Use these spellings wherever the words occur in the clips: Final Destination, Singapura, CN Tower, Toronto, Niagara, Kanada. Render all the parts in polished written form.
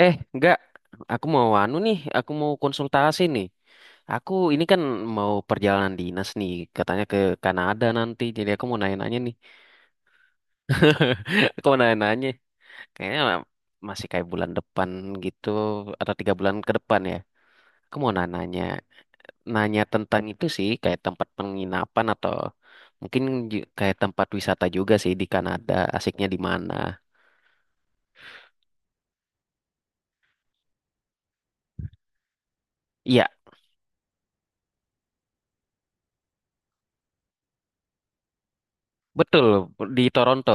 Eh, enggak. Aku mau anu nih, aku mau konsultasi nih. Aku ini kan mau perjalanan dinas nih, katanya ke Kanada nanti. Jadi aku mau nanya-nanya nih. Aku mau nanya-nanya. Kayaknya masih kayak bulan depan gitu, atau tiga bulan ke depan ya. Aku mau nanya-nanya. Nanya tentang itu sih, kayak tempat penginapan atau mungkin kayak tempat wisata juga sih di Kanada. Asiknya di mana? Iya, betul. Di Toronto.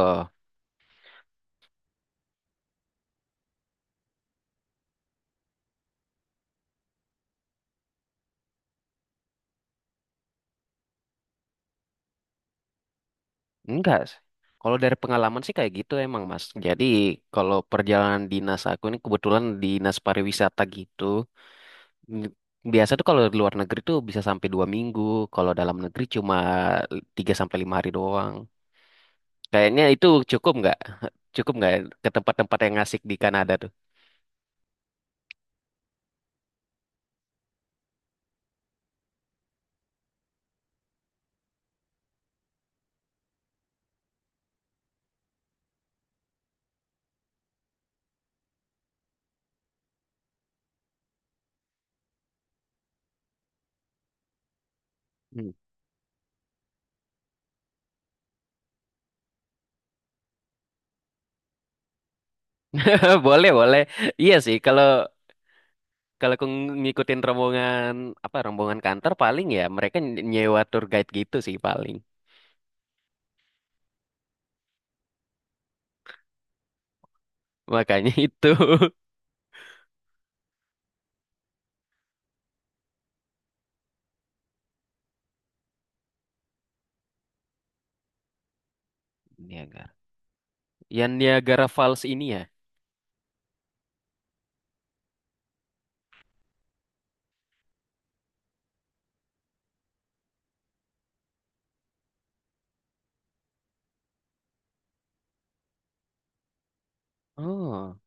Enggak sih. Kalau dari pengalaman sih kayak gitu emang, Mas. Jadi kalau perjalanan dinas aku ini kebetulan dinas pariwisata gitu. N- Biasa tuh kalau di luar negeri tuh bisa sampai dua minggu. Kalau dalam negeri cuma tiga sampai lima hari doang. Kayaknya itu cukup nggak? Cukup nggak ke tempat-tempat yang asik di Kanada tuh? Hmm. Boleh, boleh. Iya sih, kalau kalau aku ngikutin rombongan apa rombongan kantor paling ya mereka nyewa tour guide gitu sih paling. Makanya itu. Niaga. Yang Niagara Falls ini ya? Oh,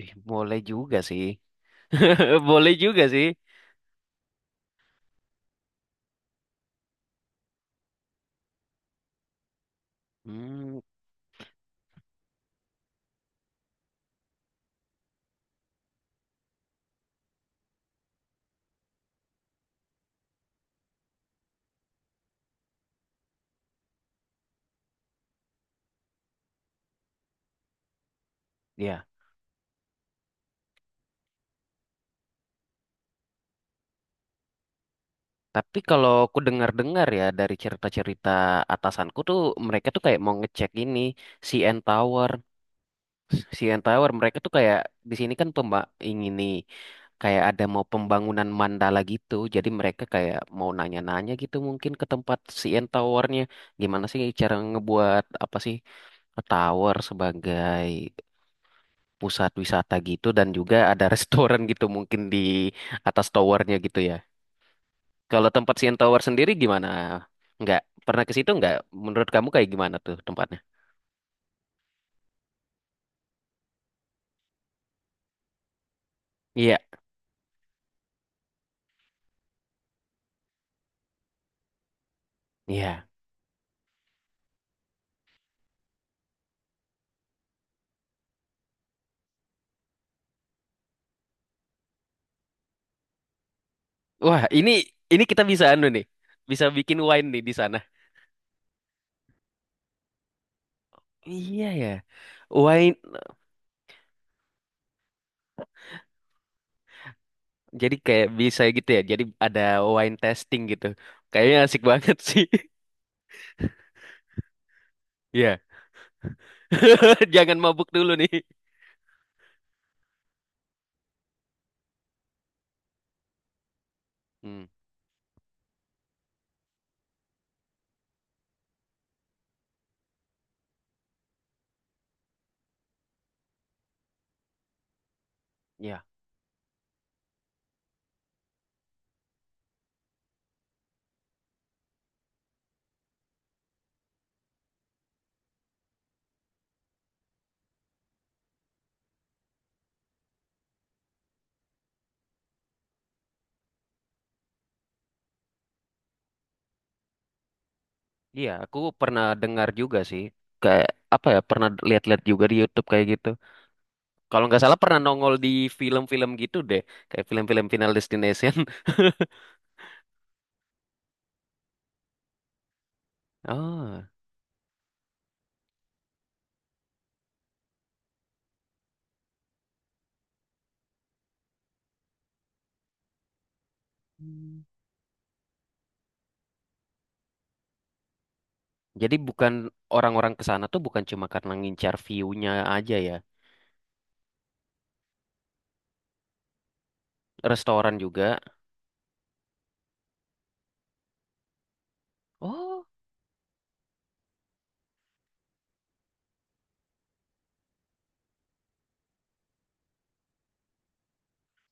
ih, boleh juga sih. Boleh juga sih. Hmm, ya. Tapi kalau aku dengar-dengar ya dari cerita-cerita atasanku tuh mereka tuh kayak mau ngecek ini CN Tower. CN Tower mereka tuh kayak di sini kan pemba ingin nih kayak ada mau pembangunan mandala gitu. Jadi mereka kayak mau nanya-nanya gitu mungkin ke tempat CN Towernya. Gimana sih cara ngebuat apa sih tower sebagai pusat wisata gitu dan juga ada restoran gitu mungkin di atas towernya gitu ya. Kalau tempat CN Tower sendiri gimana? Nggak pernah ke situ nggak? Menurut kamu kayak gimana tuh tempatnya? Iya, iya. Wah, ini kita bisa anu nih. Bisa bikin wine nih di sana. Iya ya. Wine jadi kayak bisa gitu ya. Jadi ada wine testing gitu. Kayaknya asik banget sih. Iya. Jangan mabuk dulu nih. Hmm, ya. Iya, aku pernah dengar juga sih. Kayak apa ya? Pernah lihat-lihat juga di YouTube kayak gitu. Kalau nggak salah pernah nongol di film-film gitu deh, kayak film-film Final Destination. Oh. Hmm. Jadi bukan orang-orang ke sana tuh bukan cuma karena ngincar view-nya aja ya. Restoran juga. Oh.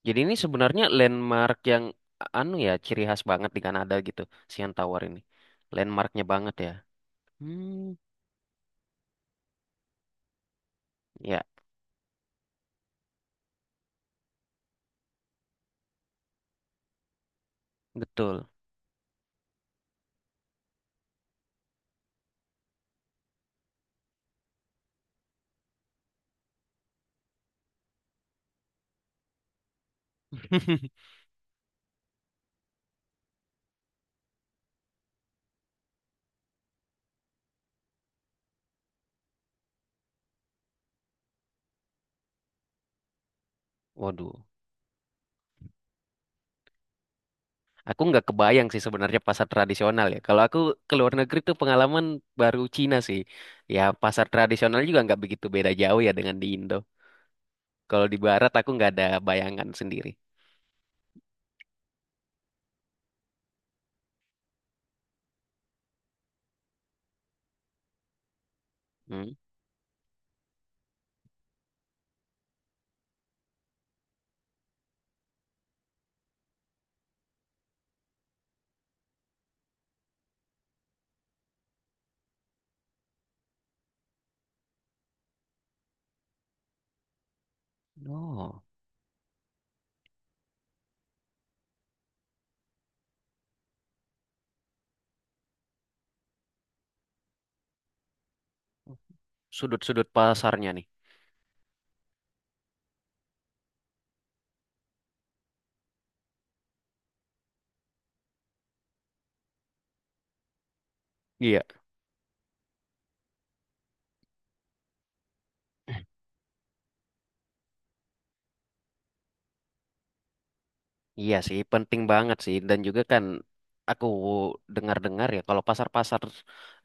Jadi ini sebenarnya landmark yang anu ya, ciri khas banget di Kanada gitu, Sian Tower ini. Landmarknya banget ya. Hmm, ya, betul. Waduh. Aku nggak kebayang sih sebenarnya pasar tradisional ya. Kalau aku ke luar negeri tuh pengalaman baru Cina sih. Ya pasar tradisional juga nggak begitu beda jauh ya dengan di Indo. Kalau di Barat aku nggak ada bayangan sendiri. Hmm. Oh, sudut-sudut pasarnya nih. Iya. Iya sih, penting banget sih. Dan juga kan aku dengar-dengar ya kalau pasar-pasar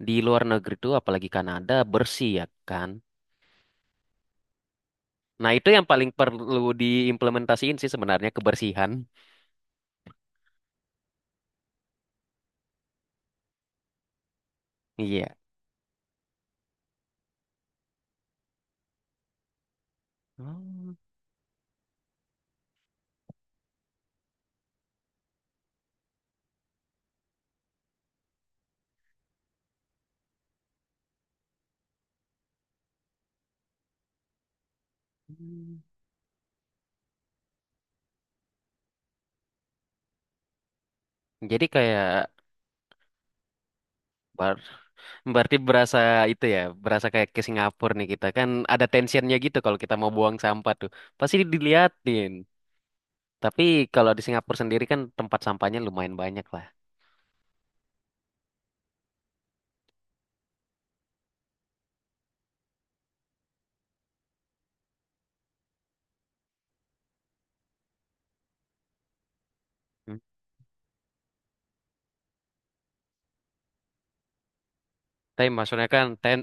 di luar negeri tuh apalagi Kanada bersih ya kan. Nah itu yang paling perlu diimplementasiin sih sebenarnya kebersihan. Iya. Oh. Hmm. Jadi kayak bar berarti berasa itu ya, berasa kayak ke Singapura nih kita kan ada tensionnya gitu kalau kita mau buang sampah tuh. Pasti diliatin. Tapi kalau di Singapura sendiri kan tempat sampahnya lumayan banyak lah. Hmm. Tapi maksudnya kan ten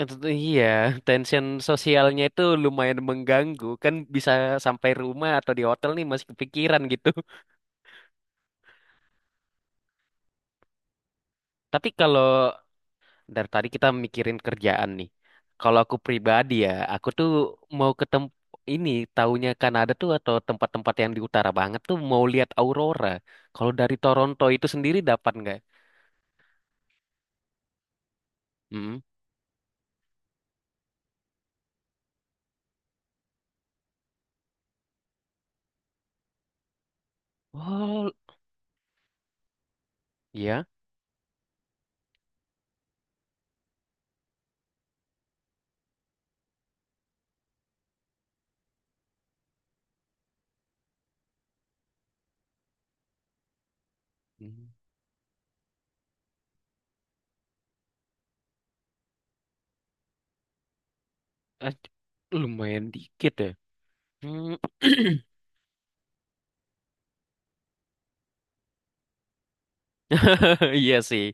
itu tuh iya, tension sosialnya itu lumayan mengganggu. Kan bisa sampai rumah atau di hotel nih masih kepikiran gitu. Tapi kalau Dari tadi kita mikirin kerjaan nih. Kalau aku pribadi ya, aku tuh mau ke tem ini taunya Kanada tuh atau tempat-tempat yang di utara banget tuh mau lihat aurora. Kalau dari Toronto itu sendiri dapat nggak? Hmm. Oh, ya. Hmm. Eh, lumayan dikit ya. Hmm. Iya sih.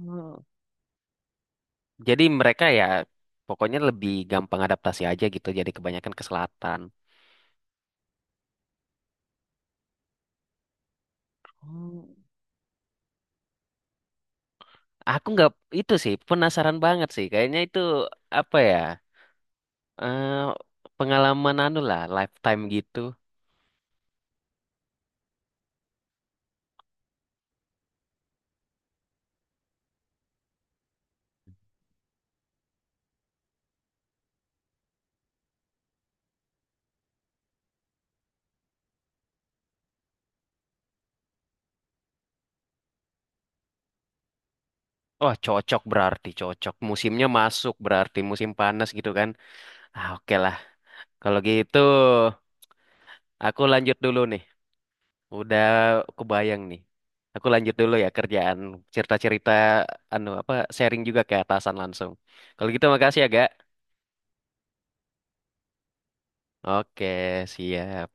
Hmm. Jadi mereka ya pokoknya lebih gampang adaptasi aja gitu. Jadi kebanyakan ke selatan. Oh. Aku nggak itu sih penasaran banget sih. Kayaknya itu apa ya? eh Pengalaman anu lah, lifetime gitu. Wah cocok berarti cocok. Musimnya masuk berarti musim panas gitu kan. Ah oke lah. Kalau gitu aku lanjut dulu nih. Udah kebayang nih. Aku lanjut dulu ya kerjaan cerita-cerita anu apa sharing juga ke atasan langsung. Kalau gitu makasih ya, Gak. Oke, siap.